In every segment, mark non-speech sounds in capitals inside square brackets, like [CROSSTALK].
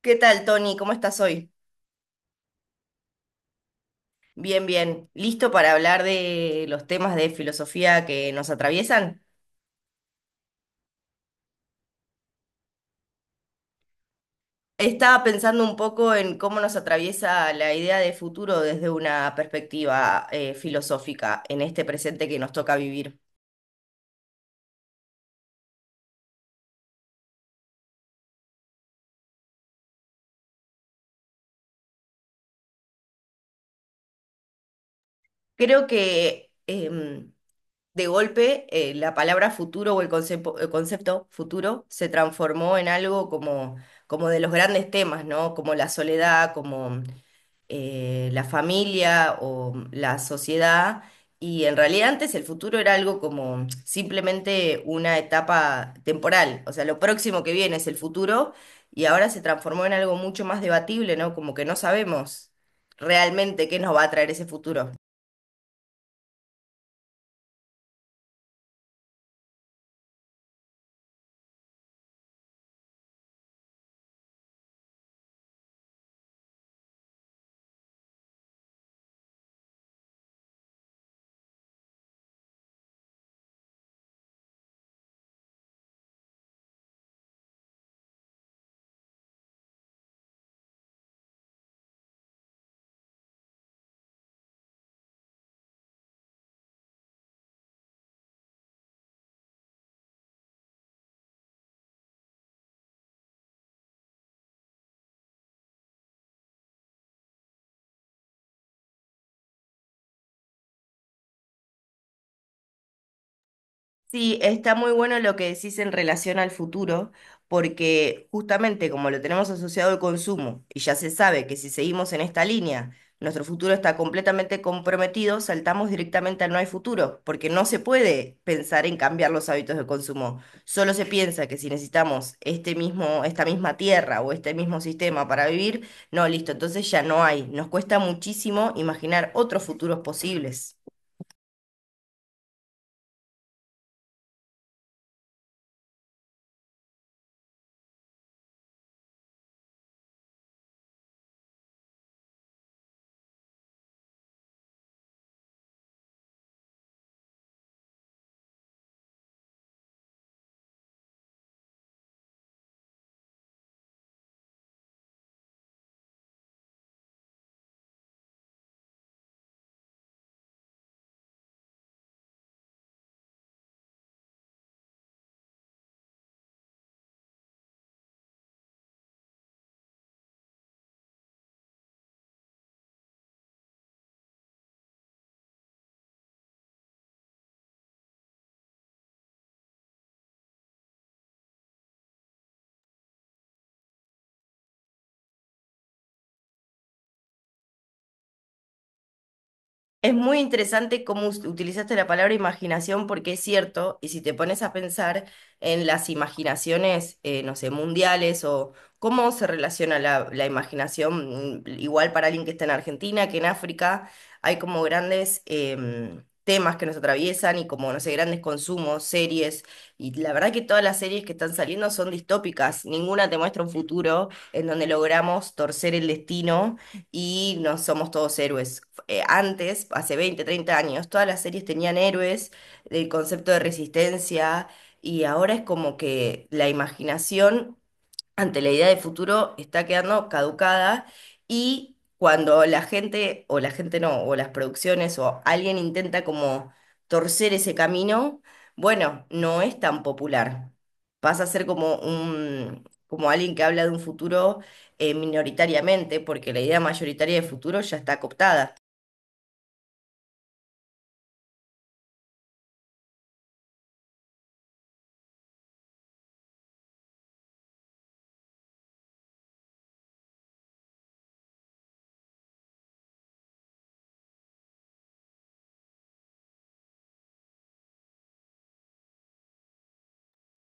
¿Qué tal, Tony? ¿Cómo estás hoy? Bien, bien. ¿Listo para hablar de los temas de filosofía que nos atraviesan? Estaba pensando un poco en cómo nos atraviesa la idea de futuro desde una perspectiva filosófica en este presente que nos toca vivir. Creo que de golpe la palabra futuro o el concepto, futuro se transformó en algo como, como de los grandes temas, ¿no? Como la soledad, como la familia o la sociedad. Y en realidad antes el futuro era algo como simplemente una etapa temporal, o sea, lo próximo que viene es el futuro y ahora se transformó en algo mucho más debatible, ¿no? Como que no sabemos realmente qué nos va a traer ese futuro. Sí, está muy bueno lo que decís en relación al futuro, porque justamente como lo tenemos asociado al consumo y ya se sabe que si seguimos en esta línea, nuestro futuro está completamente comprometido, saltamos directamente al no hay futuro, porque no se puede pensar en cambiar los hábitos de consumo. Solo se piensa que si necesitamos este mismo, esta misma tierra o este mismo sistema para vivir, no, listo, entonces ya no hay. Nos cuesta muchísimo imaginar otros futuros posibles. Es muy interesante cómo utilizaste la palabra imaginación porque es cierto, y si te pones a pensar en las imaginaciones, no sé, mundiales o cómo se relaciona la imaginación, mm, igual para alguien que está en Argentina que en África, hay como grandes temas que nos atraviesan y como, no sé, grandes consumos, series, y la verdad que todas las series que están saliendo son distópicas, ninguna te muestra un futuro en donde logramos torcer el destino y no somos todos héroes antes, hace 20, 30 años, todas las series tenían héroes, el concepto de resistencia, y ahora es como que la imaginación ante la idea de futuro está quedando caducada y cuando la gente, o la gente no, o las producciones, o alguien intenta como torcer ese camino, bueno, no es tan popular. Pasa a ser como un, como alguien que habla de un futuro minoritariamente, porque la idea mayoritaria de futuro ya está cooptada.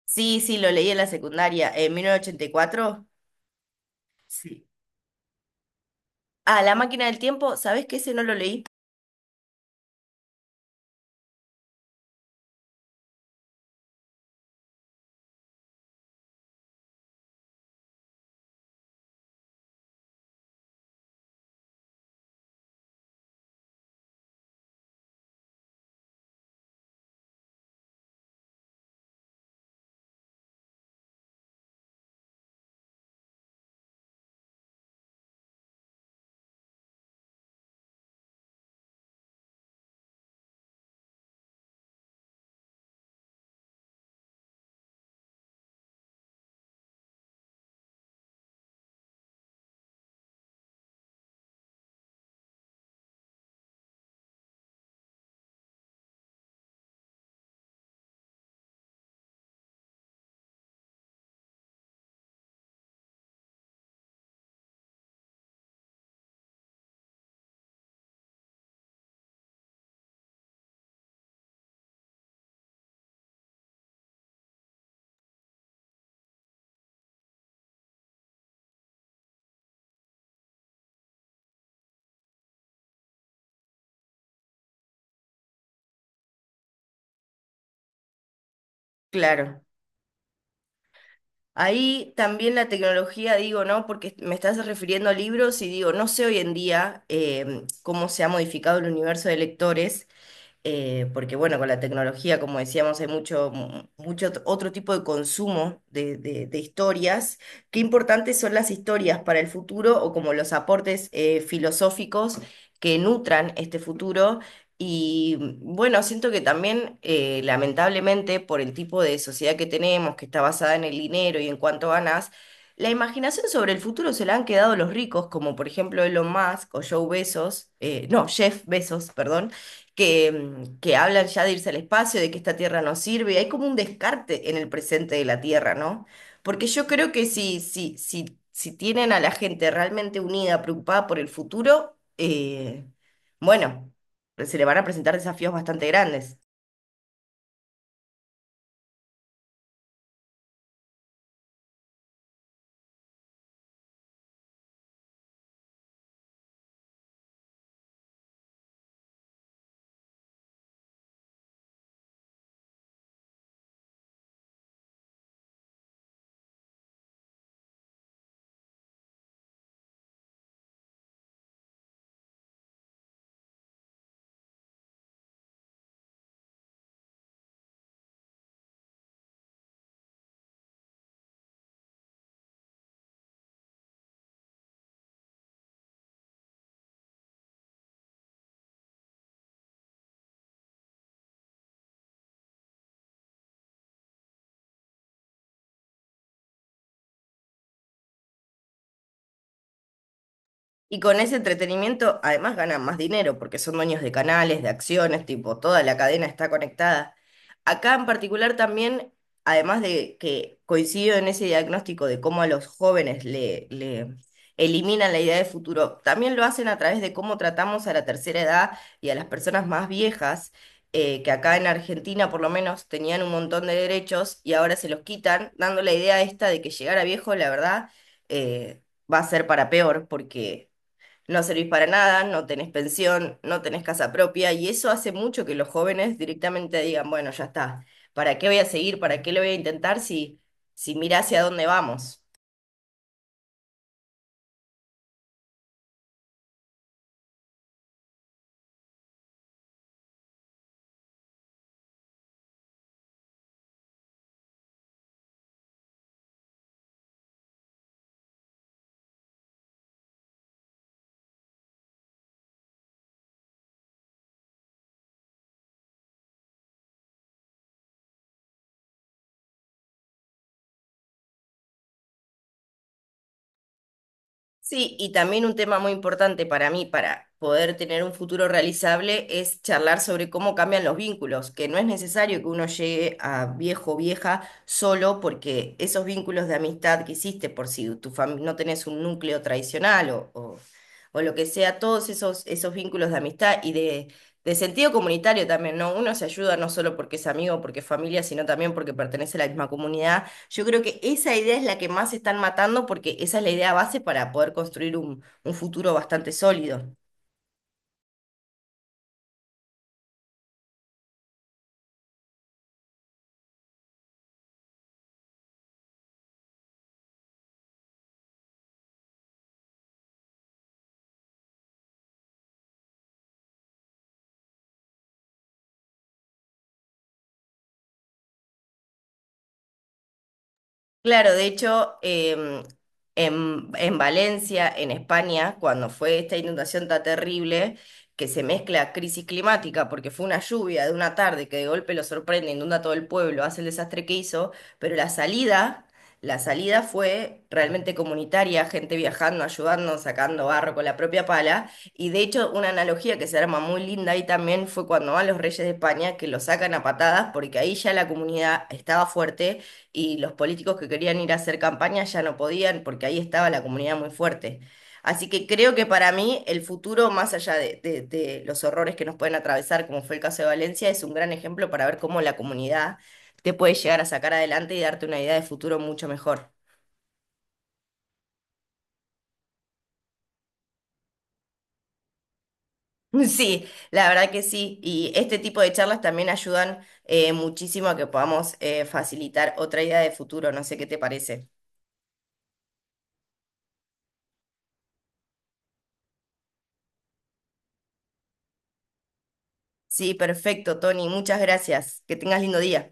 Sí, sí, lo leí en la secundaria, en 1984. Sí. Ah, La máquina del tiempo, ¿sabés que ese no lo leí? Claro. Ahí también la tecnología, digo, ¿no? Porque me estás refiriendo a libros y digo, no sé hoy en día cómo se ha modificado el universo de lectores, porque bueno, con la tecnología, como decíamos, hay mucho, mucho otro tipo de consumo de, de historias. ¿Qué importantes son las historias para el futuro o como los aportes filosóficos que nutran este futuro? Y mm, bueno, siento que también, lamentablemente, por el tipo de sociedad que tenemos, que está basada en el dinero y en cuánto ganas, la imaginación sobre el futuro se la han quedado los ricos, como por ejemplo Elon Musk o Joe Bezos, no, Jeff Bezos, perdón, que, mm, que hablan ya de irse al espacio, de que esta Tierra no sirve. Hay como un descarte en el presente de la Tierra, ¿no? Porque yo creo que si tienen a la gente realmente unida, preocupada por el futuro, bueno, se le van a presentar desafíos bastante grandes. Y con ese entretenimiento además ganan más dinero porque son dueños de canales, de acciones, tipo, toda la cadena está conectada. Acá en particular también, además de que coincido en ese diagnóstico de cómo a los jóvenes le eliminan la idea de futuro, también lo hacen a través de cómo tratamos a la tercera edad y a las personas más viejas, que acá en Argentina por lo menos tenían un montón de derechos y ahora se los quitan, dando la idea esta de que llegar a viejo, la verdad, eh, va a ser para peor porque no servís para nada, no tenés pensión, no tenés casa propia, y eso hace mucho que los jóvenes directamente digan, bueno, ya está, ¿para qué voy a seguir? ¿Para qué lo voy a intentar si, si mirá hacia dónde vamos? Sí, y también un tema muy importante para mí, para poder tener un futuro realizable, es charlar sobre cómo cambian los vínculos, que no es necesario que uno llegue a viejo o vieja solo porque esos vínculos de amistad que hiciste, por si no tenés un núcleo tradicional o lo que sea, todos esos, esos vínculos de amistad y de sentido comunitario también, ¿no? Uno se ayuda no solo porque es amigo, porque es familia, sino también porque pertenece a la misma comunidad, yo creo que esa idea es la que más están matando porque esa es la idea base para poder construir un futuro bastante sólido. Claro, de hecho, em, en Valencia, en España, cuando fue esta inundación tan terrible, que se mezcla crisis climática, porque fue una lluvia de una tarde que de golpe lo sorprende, inunda todo el pueblo, hace el desastre que hizo, pero la salida fue realmente comunitaria, gente viajando, ayudando, sacando barro con la propia pala, y de hecho una analogía que se arma muy linda ahí también fue cuando van los reyes de España, que lo sacan a patadas, porque ahí ya la comunidad estaba fuerte y los políticos que querían ir a hacer campaña ya no podían porque ahí estaba la comunidad muy fuerte. Así que creo que para mí el futuro, más allá de, de los horrores que nos pueden atravesar, como fue el caso de Valencia, es un gran ejemplo para ver cómo la comunidad te puede llegar a sacar adelante y darte una idea de futuro mucho mejor. [LAUGHS] Sí, la verdad que sí. Y este tipo de charlas también ayudan muchísimo a que podamos facilitar otra idea de futuro. No sé qué te parece. Sí, perfecto, Tony. Muchas gracias. Que tengas lindo día.